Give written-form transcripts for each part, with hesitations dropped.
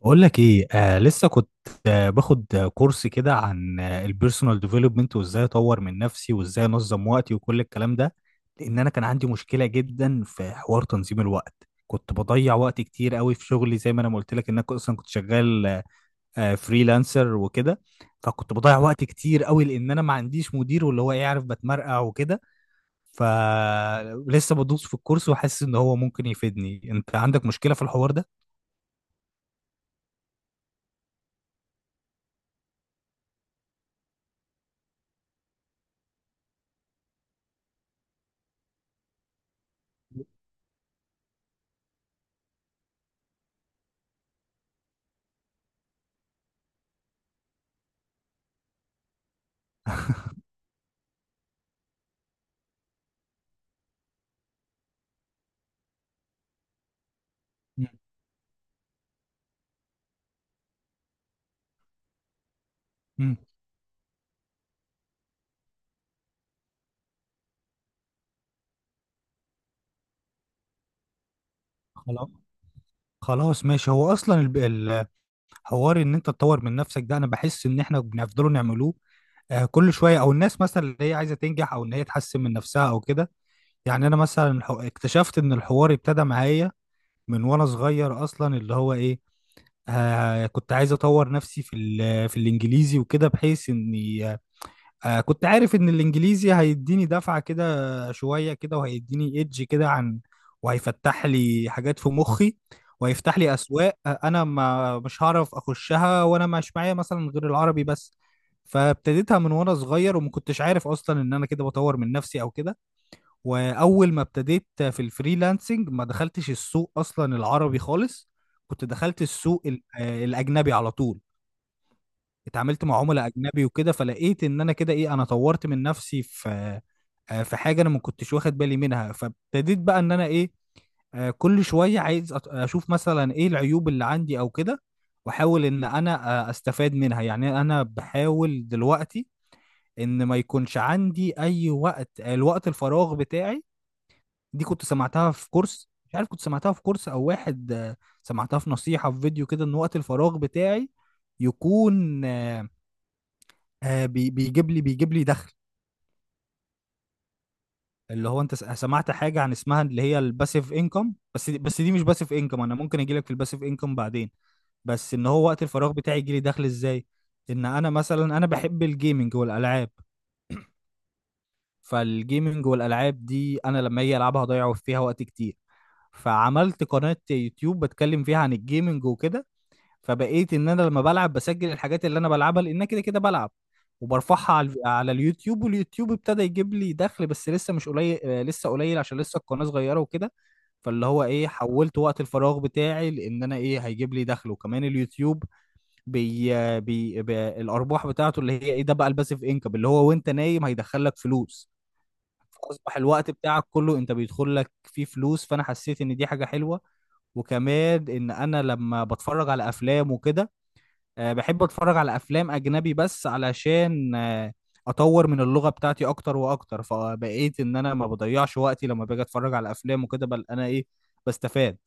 بقول لك ايه، لسه كنت باخد كورس كده عن البيرسونال ديفلوبمنت، وازاي اطور من نفسي وازاي انظم وقتي وكل الكلام ده. لان انا كان عندي مشكله جدا في حوار تنظيم الوقت، كنت بضيع وقت كتير قوي في شغلي، زي ما انا ما قلت لك ان انا اصلا كنت شغال فريلانسر وكده. فكنت بضيع وقت كتير قوي لان انا ما عنديش مدير، واللي هو يعرف بتمرقع وكده. فلسه بدوس في الكورس وحاسس ان هو ممكن يفيدني. انت عندك مشكله في الحوار ده؟ مم. مم. خلاص. خلاص ماشي، هو اصلا الحوار ان انت تطور من نفسك ده، انا بحس ان احنا بنفضلوا نعملوه كل شويه، او الناس مثلا اللي هي عايزه تنجح او ان هي تحسن من نفسها او كده. يعني انا مثلا اكتشفت ان الحوار ابتدى معايا من وانا صغير اصلا، اللي هو ايه، كنت عايز اطور نفسي في في الانجليزي وكده، بحيث اني كنت عارف ان الانجليزي هيديني دفعة كده، شوية كده، وهيديني ايدج كده عن، وهيفتح لي حاجات في مخي، وهيفتح لي اسواق، انا ما مش هعرف اخشها وانا مش معايا مثلا غير العربي بس. فابتديتها من وانا صغير، وما كنتش عارف اصلا ان انا كده بطور من نفسي او كده. واول ما ابتديت في الفريلانسنج ما دخلتش السوق اصلا العربي خالص، كنت دخلت السوق الاجنبي على طول. اتعاملت مع عملاء اجنبي وكده، فلقيت ان انا كده ايه، انا طورت من نفسي في في حاجه انا ما كنتش واخد بالي منها. فابتديت بقى ان انا ايه، كل شويه عايز اشوف مثلا ايه العيوب اللي عندي او كده، واحاول ان انا استفاد منها. يعني انا بحاول دلوقتي ان ما يكونش عندي اي وقت الوقت الفراغ بتاعي. دي كنت سمعتها في كورس، مش عارف كنت سمعتها في كورس او واحد، سمعتها في نصيحه في فيديو كده، ان وقت الفراغ بتاعي يكون آه، آه بي بيجيب لي بيجيب لي دخل. اللي هو انت سمعت حاجه عن اسمها اللي هي الباسيف انكم، بس دي مش باسيف انكم، انا ممكن اجي لك في الباسيف انكم بعدين. بس ان هو وقت الفراغ بتاعي يجي لي دخل ازاي؟ ان انا مثلا انا بحب الجيمنج والالعاب، فالجيمنج والالعاب دي انا لما اجي العبها هضيع فيها وقت كتير. فعملت قناه يوتيوب بتكلم فيها عن الجيمنج وكده. فبقيت ان انا لما بلعب بسجل الحاجات اللي انا بلعبها، لان أنا كده كده بلعب، وبرفعها على اليوتيوب. واليوتيوب ابتدى يجيب لي دخل، بس لسه مش قليل، لسه قليل عشان لسه القناة صغيرة وكده. فاللي هو ايه، حولت وقت الفراغ بتاعي لان انا ايه هيجيب لي دخل. وكمان اليوتيوب بي بي, بي الارباح بتاعته اللي هي ايه، ده بقى الباسيف انكم، اللي هو وانت نايم هيدخل لك فلوس. فاصبح الوقت بتاعك كله انت بيدخل لك فيه فلوس، فانا حسيت ان دي حاجة حلوة. وكمان ان انا لما بتفرج على افلام وكده، بحب اتفرج على افلام اجنبي بس علشان اطور من اللغه بتاعتي اكتر واكتر. فبقيت ان انا ما بضيعش وقتي لما باجي اتفرج على افلام وكده، بل انا ايه، بستفاد.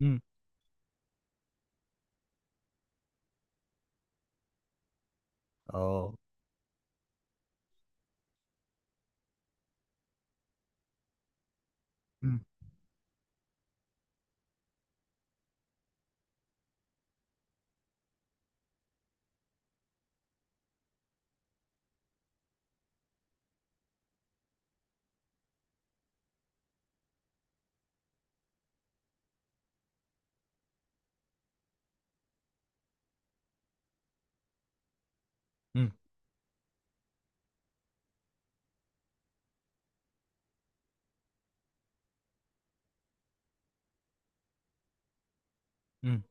مم. اه. مم. مم. مم.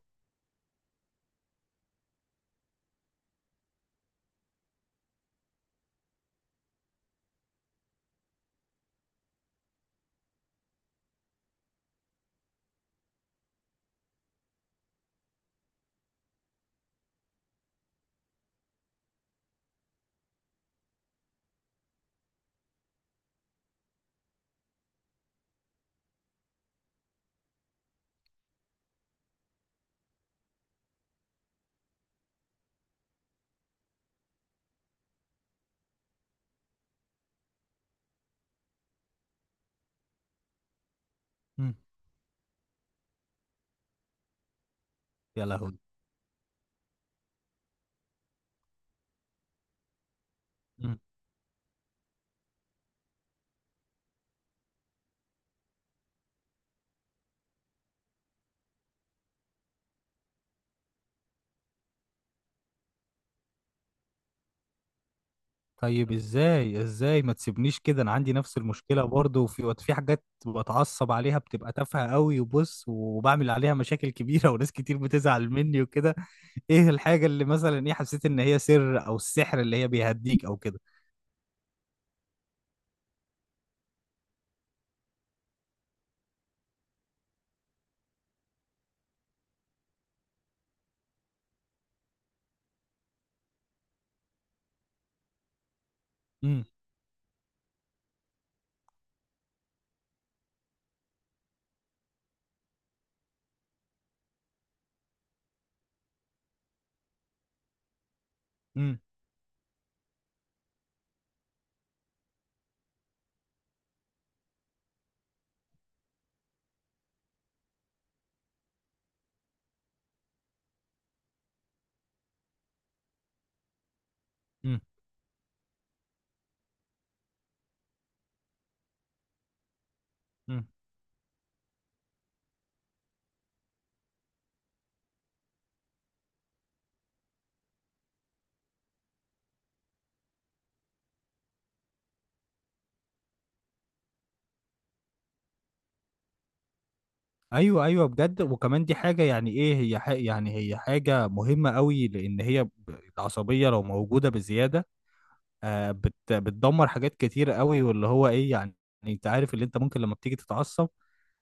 مم. يا لهوي. مم. طيب ازاي؟ ازاي ما تسيبنيش كده، انا عندي نفس المشكله برضه. وفي حاجات بتعصب عليها بتبقى تافهه قوي، وبص، وبعمل عليها مشاكل كبيره وناس كتير بتزعل مني وكده. ايه الحاجه اللي مثلا ايه حسيت ان هي سر او السحر اللي هي بيهديك او كده؟ امم. امم. امم. امم. ايوه، ايوه بجد. وكمان دي حاجه يعني ايه، هي حاجة، يعني هي حاجه مهمه قوي، لان هي العصبيه لو موجوده بزياده، آه، بت بتدمر حاجات كتير قوي. واللي هو ايه، يعني انت عارف اللي انت ممكن لما بتيجي تتعصب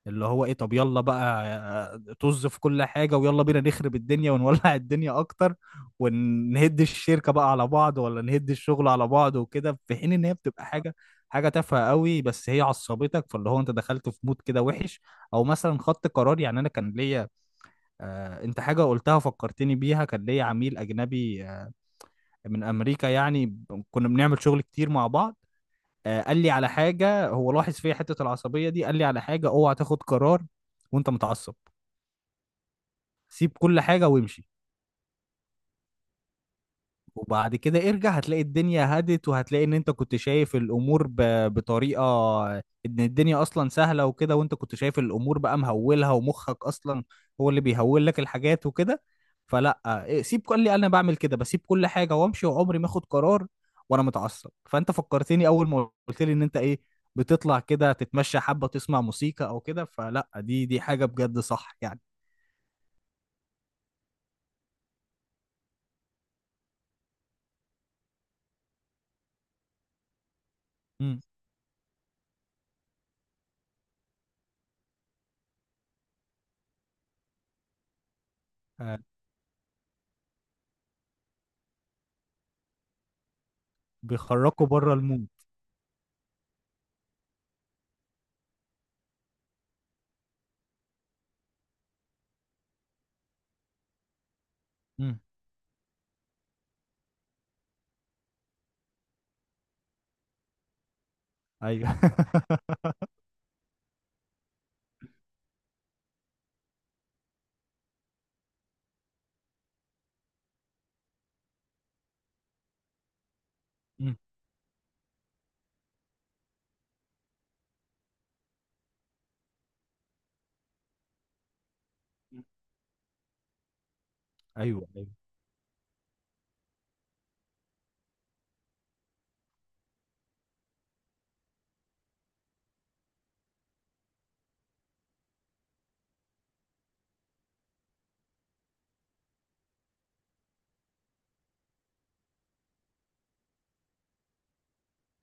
اللي هو ايه، طب يلا بقى، طز في كل حاجة، ويلا بينا نخرب الدنيا ونولع الدنيا اكتر، ونهد الشركة بقى على بعض، ولا نهد الشغل على بعض وكده، في حين ان هي بتبقى حاجة، حاجة تافهة قوي، بس هي عصبتك، فاللي هو انت دخلت في مود كده وحش. او مثلا خدت قرار. يعني انا كان ليا، انت حاجة قلتها فكرتني بيها، كان ليا عميل اجنبي من امريكا، يعني كنا بنعمل شغل كتير مع بعض. قال لي على حاجه، هو لاحظ فيا حته العصبيه دي، قال لي على حاجه: اوعى تاخد قرار وانت متعصب، سيب كل حاجه وامشي، وبعد كده ارجع هتلاقي الدنيا هدت، وهتلاقي ان انت كنت شايف الامور بطريقة ان الدنيا اصلا سهلة وكده، وانت كنت شايف الامور بقى مهولها، ومخك اصلا هو اللي بيهول لك الحاجات وكده. فلا إيه، سيب كل اللي انا بعمل كده، بسيب كل حاجة وامشي، وعمري ما اخد قرار وانا متعصب. فانت فكرتني اول ما قلت لي ان انت ايه، بتطلع كده تتمشى حبة، تسمع موسيقى او كده. فلا دي حاجة بجد صح يعني. امم. آه، بيخرجوا بره المود. امم. ايوه. مم. ايوه، ايوه.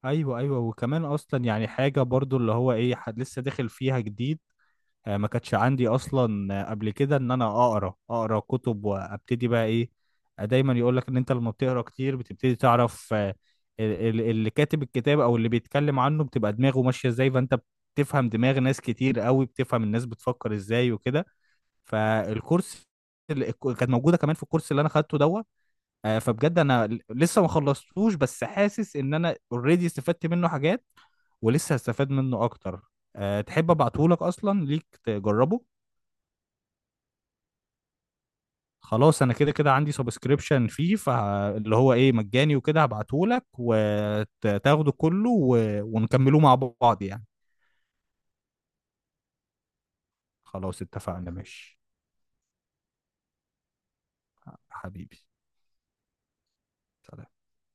ايوه، ايوه، وكمان اصلا يعني حاجه برضو اللي هو ايه، حد لسه داخل فيها جديد، ما كانتش عندي اصلا قبل كده ان انا اقرا كتب. وابتدي بقى ايه، دايما يقول لك ان انت لما بتقرا كتير بتبتدي تعرف اللي كاتب الكتاب او اللي بيتكلم عنه بتبقى دماغه ماشيه ازاي، فانت بتفهم دماغ ناس كتير قوي، بتفهم الناس بتفكر ازاي وكده. فالكورس اللي كانت موجوده كمان في الكورس اللي انا خدته دوت، فبجد انا لسه ما خلصتوش، بس حاسس ان انا اوريدي استفدت منه حاجات، ولسه هستفاد منه اكتر. أه، تحب ابعتهولك؟ اصلا ليك تجربه. خلاص، انا كده كده عندي سبسكريبشن فيه، فاللي هو ايه مجاني وكده، هبعتهولك وتاخده كله ونكملوه مع بعض يعني. خلاص، اتفقنا ماشي. حبيبي. سلام.